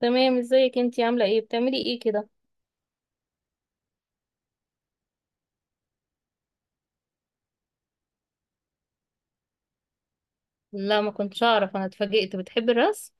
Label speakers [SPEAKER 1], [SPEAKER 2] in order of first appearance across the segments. [SPEAKER 1] تمام، ازيك؟ انتي عاملة ايه بتعملي ايه كده؟ لا، ما كنتش اعرف، انا اتفاجئت بتحبي الرسم.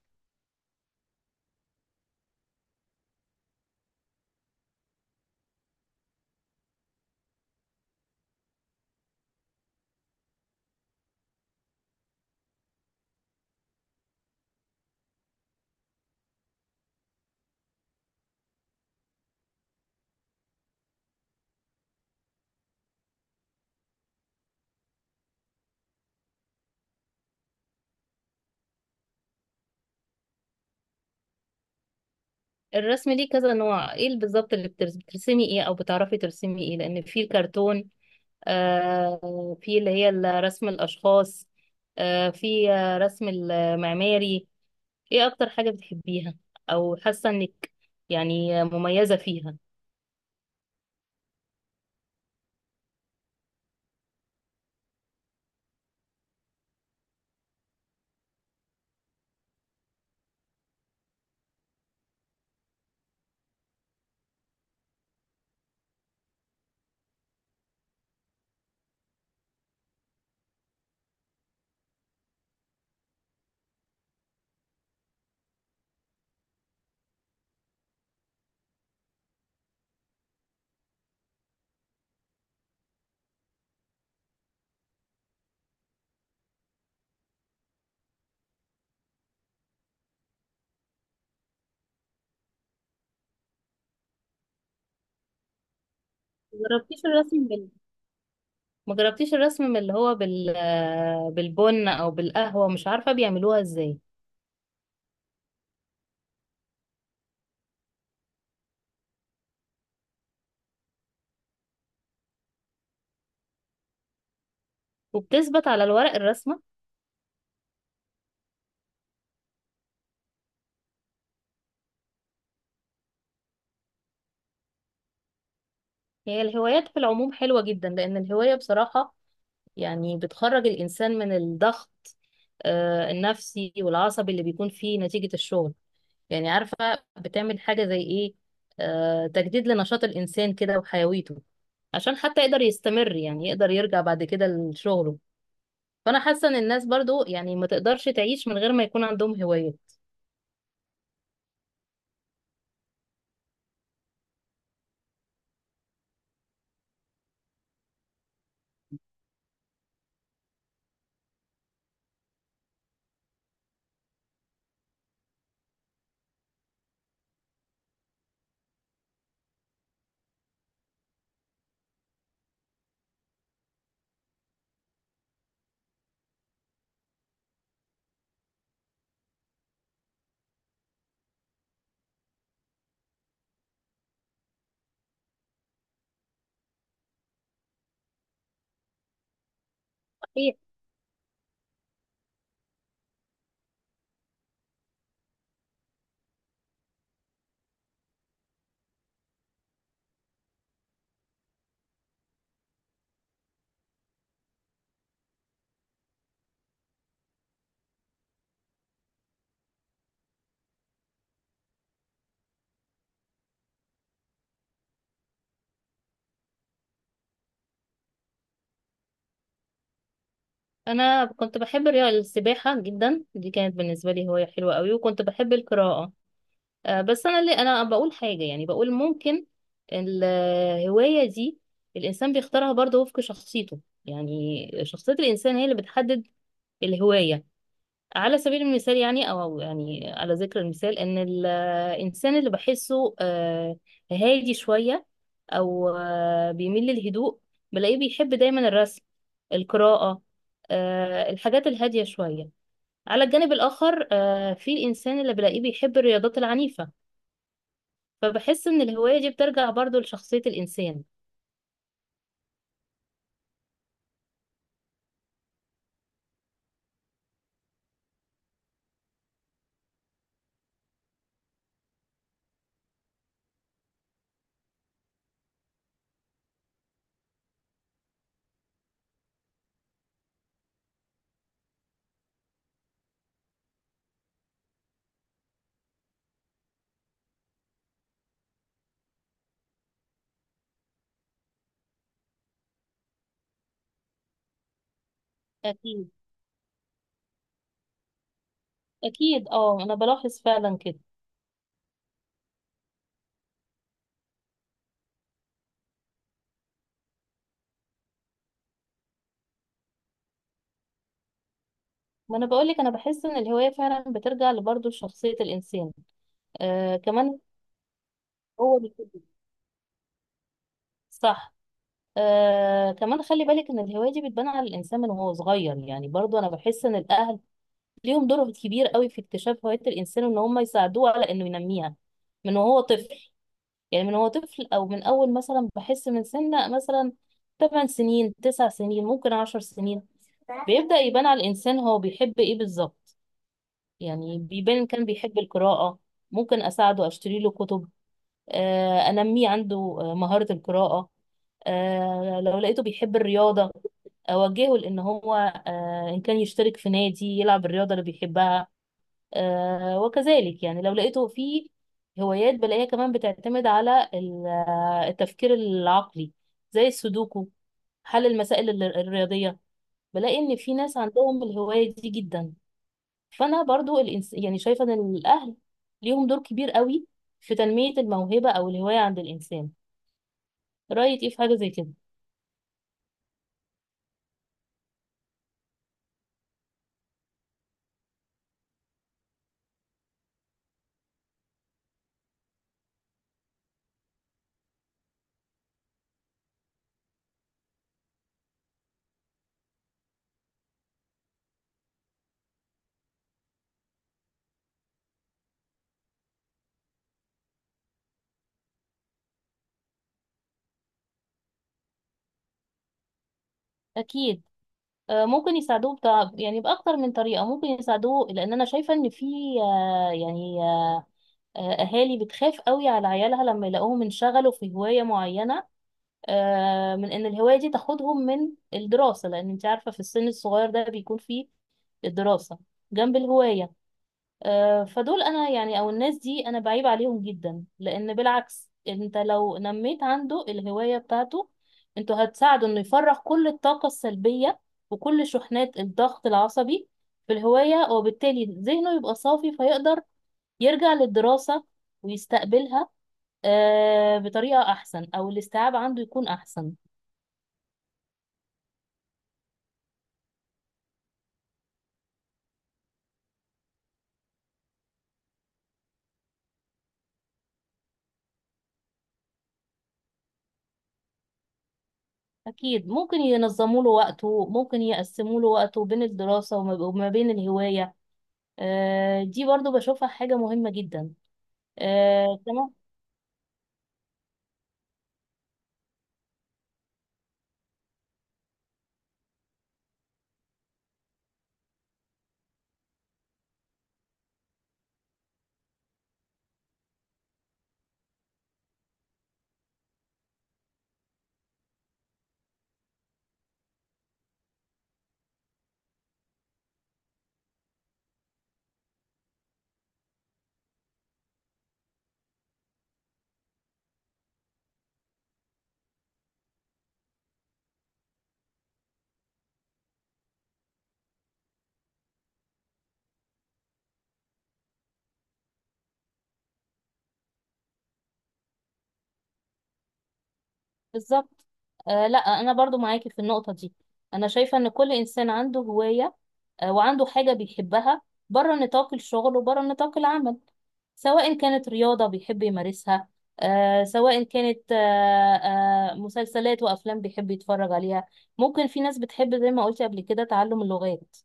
[SPEAKER 1] الرسم ليه كذا نوع، ايه اللي بالظبط اللي بترسمي ايه او بتعرفي ترسمي ايه؟ لان في الكرتون، في اللي هي رسم الاشخاص، في رسم المعماري. ايه اكتر حاجة بتحبيها او حاسة انك يعني مميزة فيها؟ مجربتيش الرسم بال ما جربتيش الرسم من اللي هو بالبن او بالقهوة، مش عارفة بيعملوها ازاي؟ وبتثبت على الورق الرسمة؟ هي الهوايات في العموم حلوة جدا، لأن الهواية بصراحة يعني بتخرج الإنسان من الضغط النفسي والعصبي اللي بيكون فيه نتيجة الشغل. يعني عارفة بتعمل حاجة زي إيه؟ تجديد لنشاط الإنسان كده وحيويته، عشان حتى يقدر يستمر، يعني يقدر يرجع بعد كده لشغله. فأنا حاسة إن الناس برضو يعني ما تقدرش تعيش من غير ما يكون عندهم هوايات. صحيح. أنا كنت بحب السباحة جدا، دي كانت بالنسبة لي هواية حلوة قوي، وكنت بحب القراءة. بس انا بقول حاجه، يعني بقول ممكن الهوايه دي الانسان بيختارها برضه وفق شخصيته. يعني شخصيه الانسان هي اللي بتحدد الهوايه. على سبيل المثال يعني، او يعني على ذكر المثال، ان الانسان اللي بحسه هادي شويه، او بيميل للهدوء، بلاقيه بيحب دايما الرسم، القراءه، الحاجات الهاديه شويه. على الجانب الاخر، في الانسان اللي بلاقيه بيحب الرياضات العنيفه. فبحس ان الهواية دي بترجع برضو لشخصية الانسان. اكيد، اكيد، اه انا بلاحظ فعلا كده. ما انا بقولك انا بحس ان الهوايه فعلا بترجع برضه لشخصيه الانسان. كمان هو بيكون- صح. كمان خلي بالك ان الهوايه دي بتبان على الانسان من وهو صغير، يعني برضه انا بحس ان الاهل ليهم دور كبير قوي في اكتشاف هوايه الانسان، وان هم يساعدوه على انه ينميها من وهو طفل. يعني من هو طفل، او من اول مثلا بحس من سنة مثلا 8 سنين، 9 سنين، ممكن 10 سنين، بيبدأ يبان على الانسان هو بيحب ايه بالظبط. يعني بيبان إن كان بيحب القراءة، ممكن اساعده اشتري له كتب، انميه عنده مهارة القراءة. لو لقيته بيحب الرياضة، اوجهه لان هو آه، ان كان يشترك في نادي يلعب الرياضه اللي بيحبها. وكذلك يعني، لو لقيته في هوايات بلاقيها كمان بتعتمد على التفكير العقلي، زي السودوكو، حل المسائل الرياضية. بلاقي ان في ناس عندهم الهواية دي جدا. فانا برضو يعني شايفة ان الاهل ليهم دور كبير قوي في تنمية الموهبة او الهواية عند الانسان. رأيك ايه في حاجة زي كده؟ اكيد. ممكن يساعدوه بتاع، يعني بأكتر من طريقة ممكن يساعدوه، لأن أنا شايفة إن في يعني أهالي بتخاف قوي على عيالها لما يلاقوهم انشغلوا في هواية معينة، من إن الهواية دي تاخدهم من الدراسة، لأن أنت عارفة في السن الصغير ده بيكون فيه الدراسة جنب الهواية. فدول أنا يعني، أو الناس دي أنا بعيب عليهم جدا، لأن بالعكس أنت لو نميت عنده الهواية بتاعته، أنتوا هتساعده إنه يفرغ كل الطاقة السلبية وكل شحنات الضغط العصبي في الهواية، وبالتالي ذهنه يبقى صافي فيقدر يرجع للدراسة ويستقبلها بطريقة أحسن، أو الاستيعاب عنده يكون أحسن. أكيد، ممكن ينظموا له وقته، ممكن يقسموا له وقته بين الدراسة وما بين الهواية. دي برضو بشوفها حاجة مهمة جدا. آه، تمام. بالظبط. لا، أنا برضو معاكي في النقطة دي. أنا شايفة إن كل إنسان عنده هواية، وعنده حاجة بيحبها، بره نطاق الشغل وبره نطاق العمل، سواء كانت رياضة بيحب يمارسها، سواء كانت مسلسلات وأفلام بيحب يتفرج عليها، ممكن في ناس بتحب زي ما قلت قبل كده تعلم اللغات.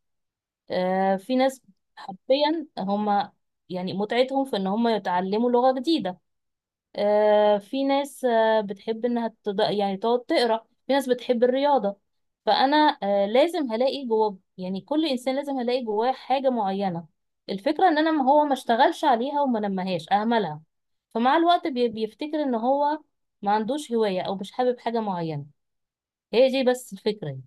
[SPEAKER 1] في ناس حرفيا هما يعني متعتهم في ان هما يتعلموا لغة جديدة. في ناس بتحب انها يعني تقعد تقرا، في ناس بتحب الرياضة. فانا لازم هلاقي جوه، يعني كل انسان لازم هلاقي جواه حاجة معينة. الفكرة ان انا ما هو ما اشتغلش عليها وما نمهاش اهملها، فمع الوقت بيفتكر ان هو ما عندوش هواية او مش حابب حاجة معينة. هي دي بس الفكرة يعني.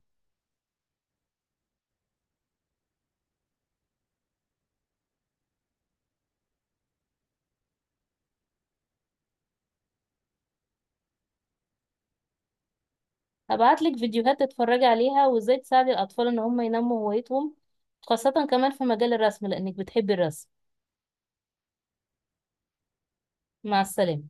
[SPEAKER 1] هبعتلك فيديوهات تتفرجي عليها وازاي تساعدي الاطفال ان هم ينموا هوايتهم، خاصة كمان في مجال الرسم لانك بتحبي الرسم. مع السلامة.